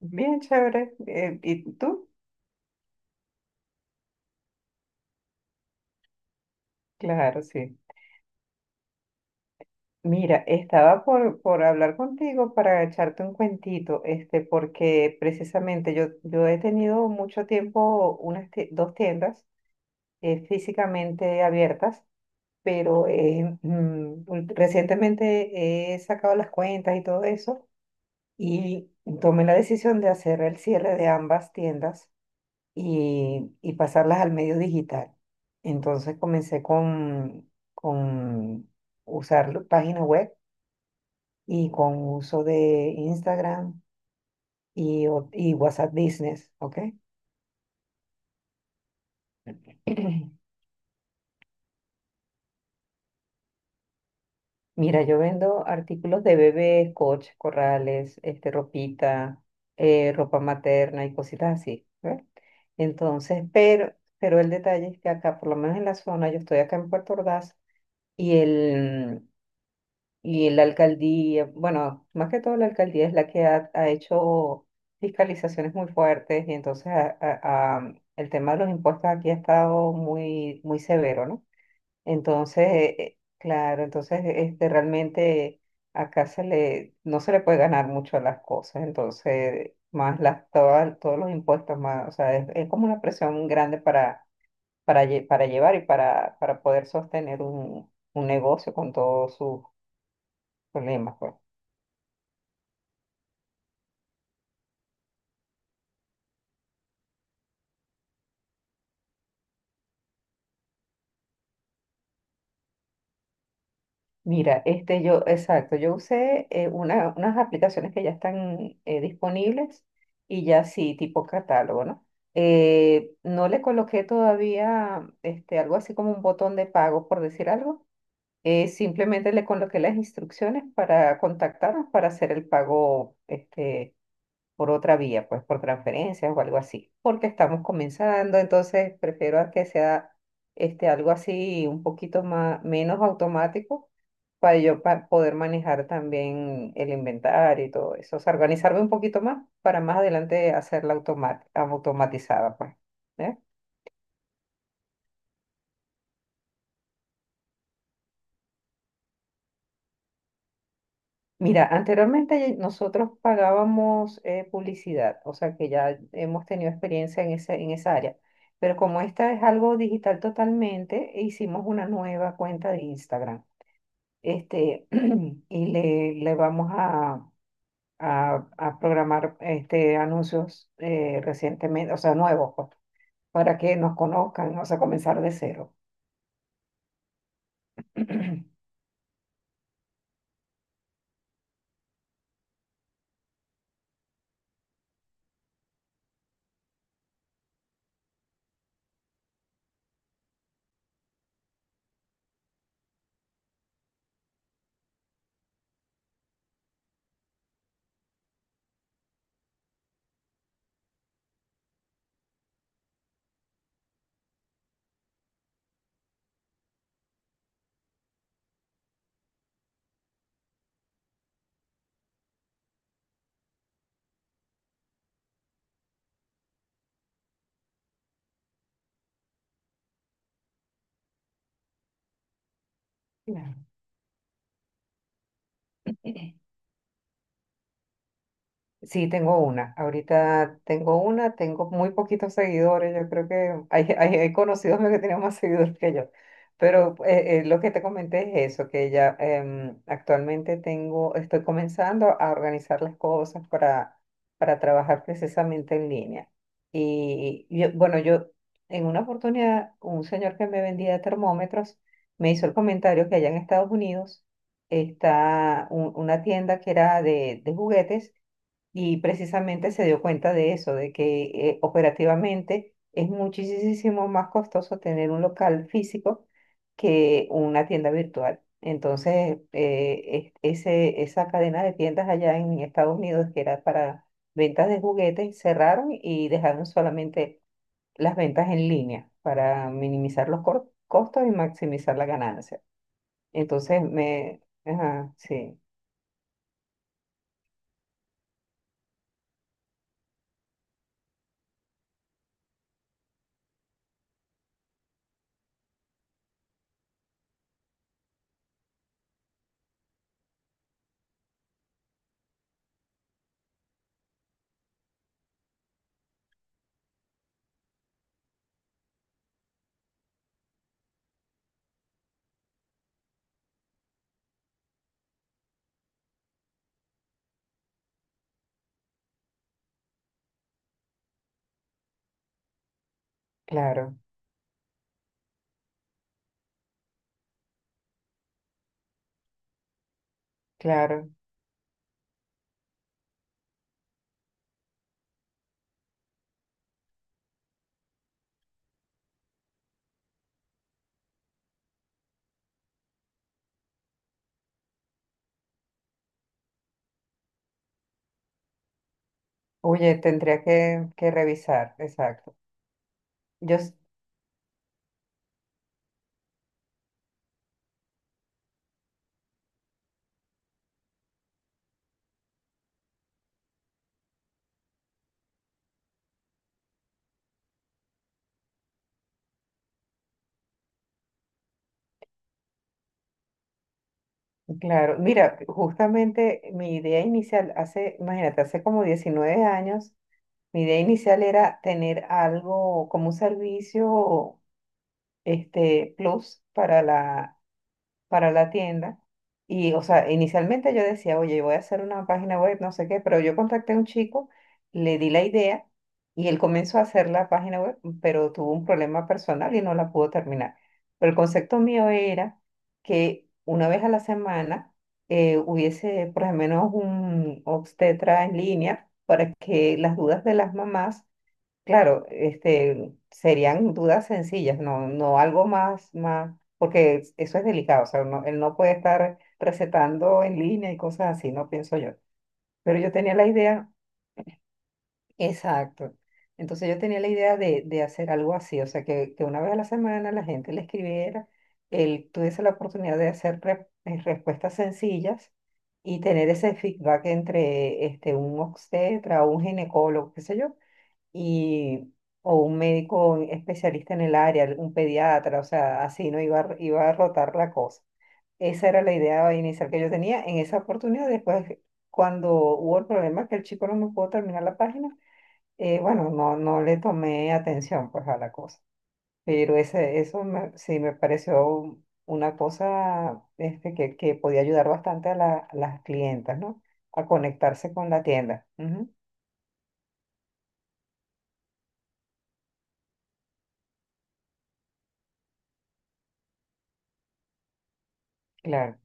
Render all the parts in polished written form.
Bien, chévere. ¿Y tú? Claro, sí. Mira, estaba por hablar contigo para echarte un cuentito, porque precisamente yo he tenido mucho tiempo dos tiendas físicamente abiertas, pero recientemente he sacado las cuentas y todo eso y tomé la decisión de hacer el cierre de ambas tiendas y pasarlas al medio digital. Entonces comencé con usar la página web y con uso de Instagram y, y WhatsApp Business, ¿ok? Mira, yo vendo artículos de bebés, coches, corrales, ropita, ropa materna y cositas así, ¿ve? Entonces, pero el detalle es que acá, por lo menos en la zona, yo estoy acá en Puerto Ordaz y el, y la alcaldía, bueno, más que todo la alcaldía es la que ha hecho fiscalizaciones muy fuertes y entonces el tema de los impuestos aquí ha estado muy, muy severo, ¿no? Entonces, claro, entonces realmente acá no se le puede ganar mucho a las cosas, entonces más todos los impuestos, más, o sea, es como una presión grande para, para llevar y para poder sostener un negocio con todos sus problemas, pues. Mira, exacto, yo usé unas aplicaciones que ya están disponibles y ya sí, tipo catálogo, ¿no? No le coloqué todavía algo así como un botón de pago, por decir algo. Simplemente le coloqué las instrucciones para contactarnos para hacer el pago por otra vía, pues por transferencias o algo así, porque estamos comenzando, entonces prefiero a que sea algo así un poquito más, menos automático para poder manejar también el inventario y todo eso, o sea, organizarme un poquito más para más adelante hacerla automatizada, pues. ¿Eh? Mira, anteriormente nosotros pagábamos publicidad, o sea que ya hemos tenido experiencia en esa área, pero como esta es algo digital totalmente, hicimos una nueva cuenta de Instagram. Este, y le vamos a, a programar anuncios recientemente, o sea, nuevos, pues, para que nos conozcan, o sea, comenzar de cero. Claro. Sí, tengo una. Ahorita tengo una, tengo muy poquitos seguidores. Yo creo que hay conocidos míos que tienen más seguidores que yo. Pero lo que te comenté es eso, que ya actualmente tengo, estoy comenzando a organizar las cosas para trabajar precisamente en línea. Bueno, yo en una oportunidad, un señor que me vendía termómetros me hizo el comentario que allá en Estados Unidos está una tienda que era de juguetes y precisamente se dio cuenta de eso, de que operativamente es muchísimo más costoso tener un local físico que una tienda virtual. Entonces, ese, esa cadena de tiendas allá en Estados Unidos, que era para ventas de juguetes, cerraron y dejaron solamente las ventas en línea para minimizar los costos y maximizar la ganancia. Entonces, me... Ajá, sí, claro, claro. Oye, tendría que revisar, exacto. Yo, s- claro, mira, justamente mi idea inicial, hace, imagínate, hace como 19 años, mi idea inicial era tener algo como un servicio, plus para la tienda. Y, o sea, inicialmente yo decía, oye, voy a hacer una página web, no sé qué, pero yo contacté a un chico, le di la idea y él comenzó a hacer la página web, pero tuvo un problema personal y no la pudo terminar. Pero el concepto mío era que una vez a la semana hubiese por lo menos un obstetra en línea para que las dudas de las mamás. Claro, serían dudas sencillas, no, no algo más, más, porque eso es delicado, o sea, él no puede estar recetando en línea y cosas así, no pienso yo. Pero yo tenía la idea, exacto, entonces yo tenía la idea de hacer algo así, o sea, que una vez a la semana la gente le escribiera, él tuviese la oportunidad de hacer respuestas sencillas y tener ese feedback entre un obstetra o un ginecólogo, qué sé yo y, o un médico especialista en el área, un pediatra, o sea, así, ¿no? Iba, iba a rotar la cosa. Esa era la idea inicial que yo tenía en esa oportunidad. Después, cuando hubo el problema que el chico no me pudo terminar la página, bueno, no, no le tomé atención pues a la cosa. Pero ese, sí me pareció una cosa que podía ayudar bastante a, a las clientas, ¿no? A conectarse con la tienda. Ujú, claro,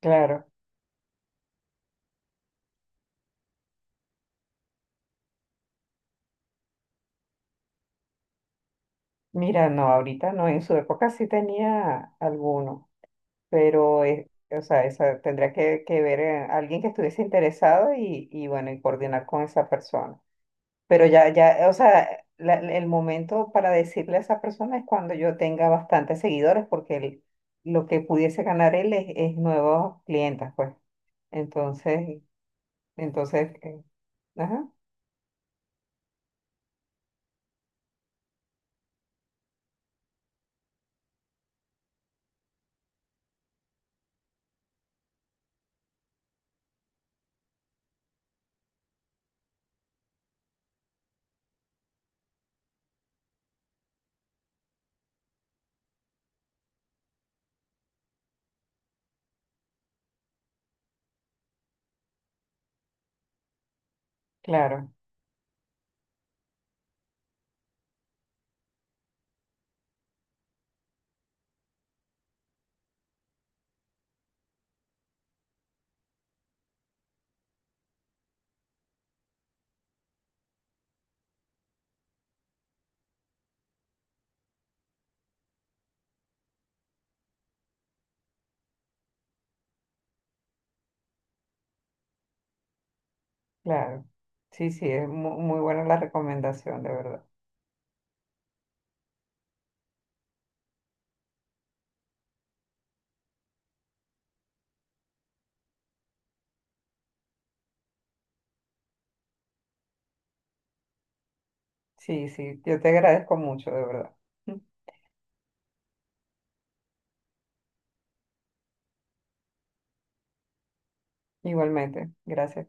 claro. Mira, no, ahorita no, en su época sí tenía alguno, pero es, o sea, esa, tendría que ver alguien que estuviese interesado y bueno, y coordinar con esa persona. Pero ya, ya, o sea, el momento para decirle a esa persona es cuando yo tenga bastantes seguidores, porque lo que pudiese ganar él es nuevos clientes, pues. Entonces, entonces, ajá, claro, claro. Sí, sí, es muy buena la recomendación, de verdad. Sí, sí, yo te agradezco mucho, de verdad. Igualmente, gracias.